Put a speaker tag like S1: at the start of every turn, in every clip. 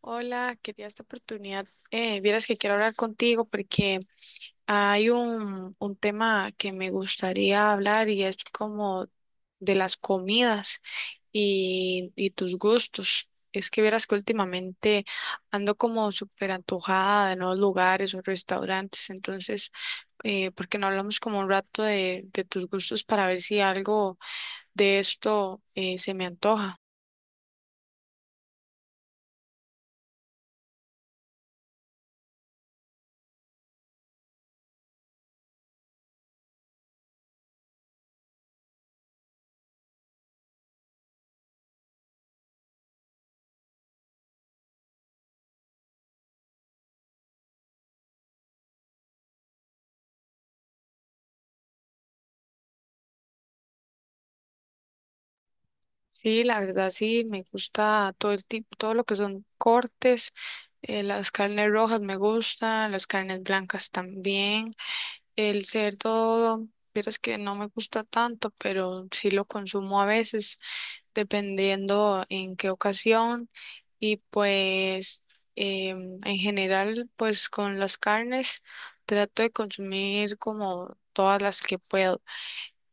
S1: Hola, quería esta oportunidad. Vieras que quiero hablar contigo porque hay un tema que me gustaría hablar y es como de las comidas y tus gustos. Es que vieras que últimamente ando como súper antojada de nuevos lugares o restaurantes, entonces, ¿por qué no hablamos como un rato de tus gustos para ver si algo de esto se me antoja? Sí, la verdad sí, me gusta todo el tipo, todo lo que son cortes, las carnes rojas me gustan, las carnes blancas también, el cerdo, vieras que no me gusta tanto, pero sí lo consumo a veces, dependiendo en qué ocasión y pues en general, pues con las carnes trato de consumir como todas las que puedo.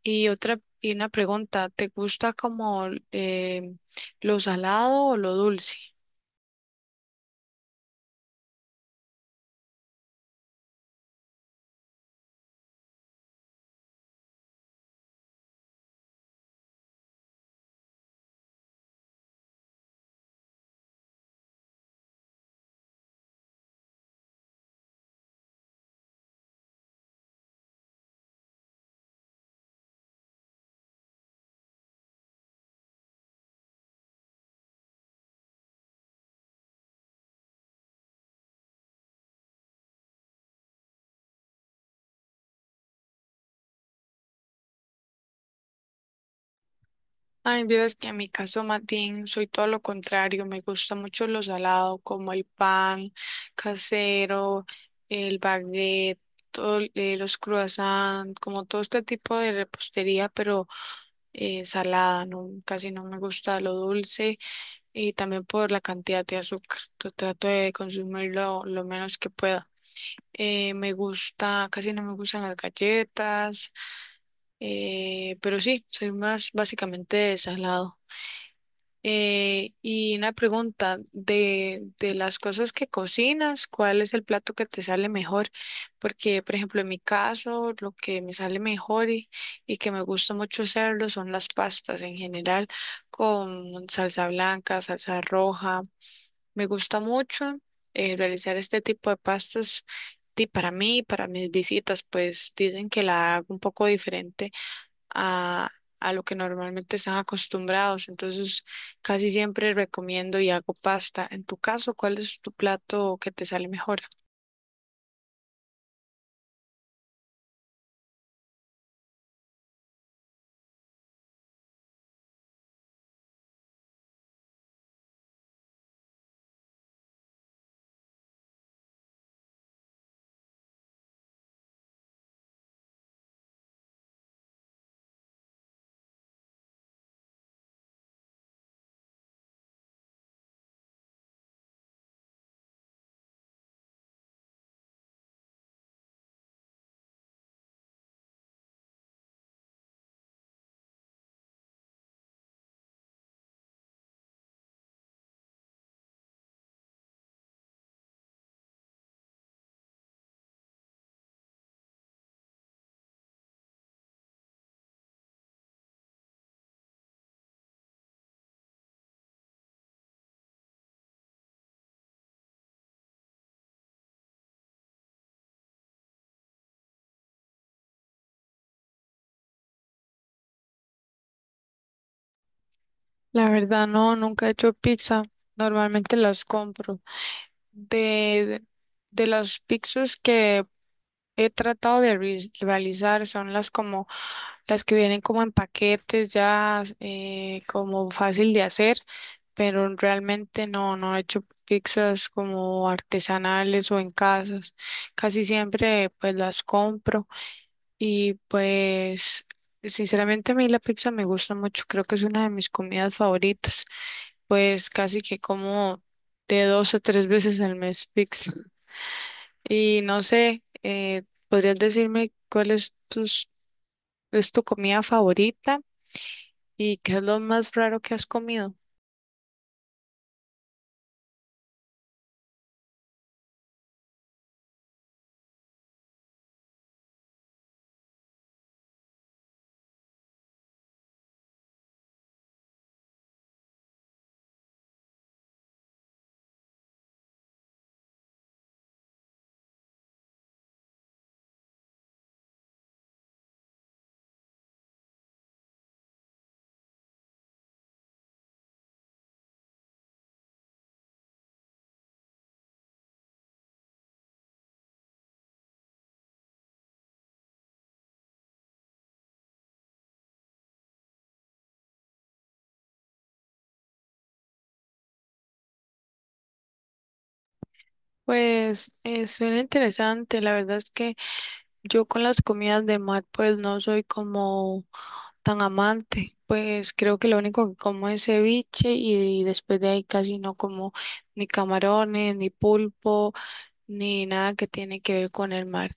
S1: Y otra, y una pregunta, ¿te gusta como eh, lo salado o lo dulce? Ay, vieras que en mi caso, Matín, soy todo lo contrario, me gusta mucho lo salado, como el pan casero, el baguette, todo, los croissants, como todo este tipo de repostería, pero salada, no, casi no me gusta lo dulce y también por la cantidad de azúcar, yo trato de consumirlo lo menos que pueda. Me gusta, casi no me gustan las galletas, pero sí, soy más básicamente de salado. Y una pregunta, de las cosas que cocinas, ¿cuál es el plato que te sale mejor? Porque, por ejemplo, en mi caso, lo que me sale mejor y que me gusta mucho hacerlo son las pastas en general, con salsa blanca, salsa roja. Me gusta mucho realizar este tipo de pastas y para mí y para mis visitas, pues dicen que la hago un poco diferente a, a lo que normalmente están acostumbrados. Entonces, casi siempre recomiendo y hago pasta. En tu caso, ¿cuál es tu plato que te sale mejor? La verdad, no, nunca he hecho pizza. Normalmente las compro. De, de las pizzas que he tratado de re- realizar son las como las que vienen como en paquetes ya, como fácil de hacer, pero realmente no, no he hecho pizzas como artesanales o en casas. Casi siempre pues las compro y pues sinceramente a mí la pizza me gusta mucho, creo que es una de mis comidas favoritas, pues casi que como de dos a tres veces al mes pizza. Y no sé, ¿podrías decirme cuál es es tu comida favorita? ¿Y qué es lo más raro que has comido? Pues suena interesante. La verdad es que yo con las comidas de mar pues no soy como tan amante. Pues creo que lo único que como es ceviche y, después de ahí casi no como ni camarones, ni pulpo, ni nada que tiene que ver con el mar.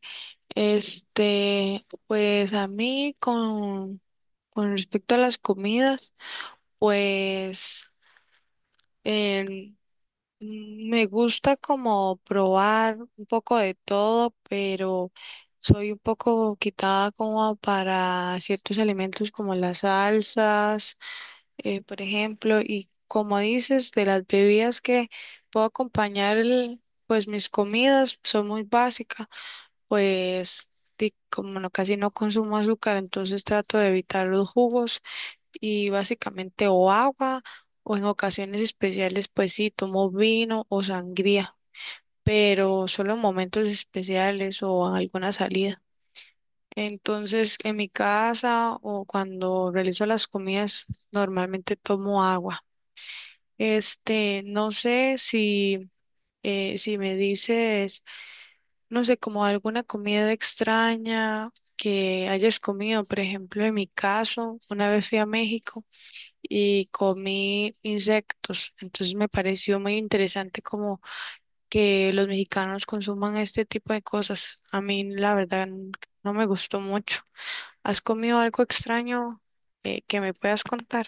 S1: Este, pues a mí con respecto a las comidas, pues... Mm, me gusta como probar un poco de todo, pero soy un poco quitada como para ciertos alimentos como las salsas, por ejemplo, y como dices, de las bebidas que puedo acompañar pues mis comidas son muy básicas, pues como no, casi no consumo azúcar, entonces trato de evitar los jugos y básicamente o agua o en ocasiones especiales pues sí tomo vino o sangría, pero solo en momentos especiales o en alguna salida. Entonces en mi casa o cuando realizo las comidas normalmente tomo agua. Este, no sé si si me dices, no sé, como alguna comida extraña que hayas comido, por ejemplo, en mi caso, una vez fui a México y comí insectos. Entonces me pareció muy interesante como que los mexicanos consuman este tipo de cosas. A mí la verdad no me gustó mucho. ¿Has comido algo extraño que me puedas contar?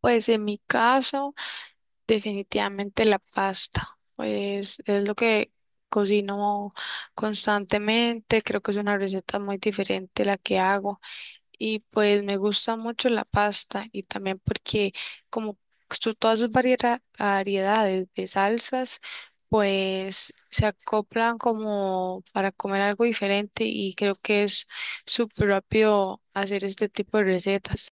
S1: Pues en mi caso, definitivamente la pasta. Pues es lo que cocino constantemente. Creo que es una receta muy diferente la que hago. Y pues me gusta mucho la pasta y también porque como todas sus variedades de salsas, pues se acoplan como para comer algo diferente y creo que es súper rápido hacer este tipo de recetas.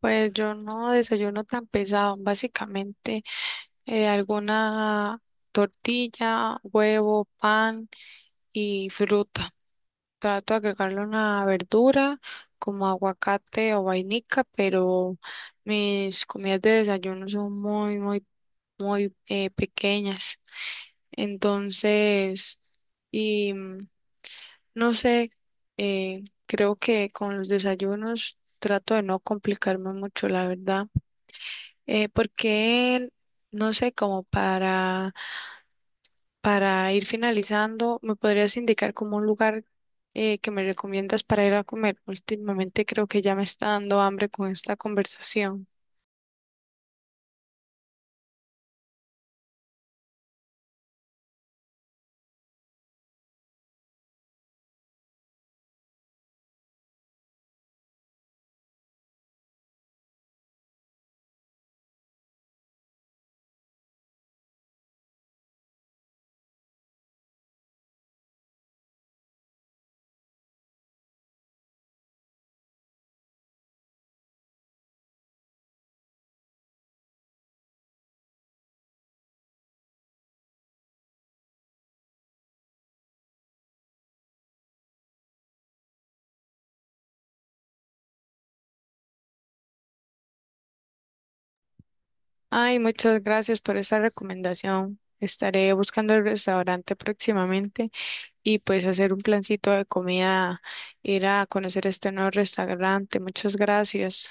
S1: Pues yo no desayuno tan pesado, básicamente alguna tortilla, huevo, pan y fruta. Trato de agregarle una verdura como aguacate o vainica, pero mis comidas de desayuno son muy, muy, muy pequeñas. Entonces, y no sé, creo que con los desayunos trato de no complicarme mucho, la verdad, porque no sé, como para ir finalizando, ¿me podrías indicar como un lugar que me recomiendas para ir a comer? Últimamente creo que ya me está dando hambre con esta conversación. Ay, muchas gracias por esa recomendación. Estaré buscando el restaurante próximamente y pues hacer un plancito de comida, ir a conocer este nuevo restaurante. Muchas gracias.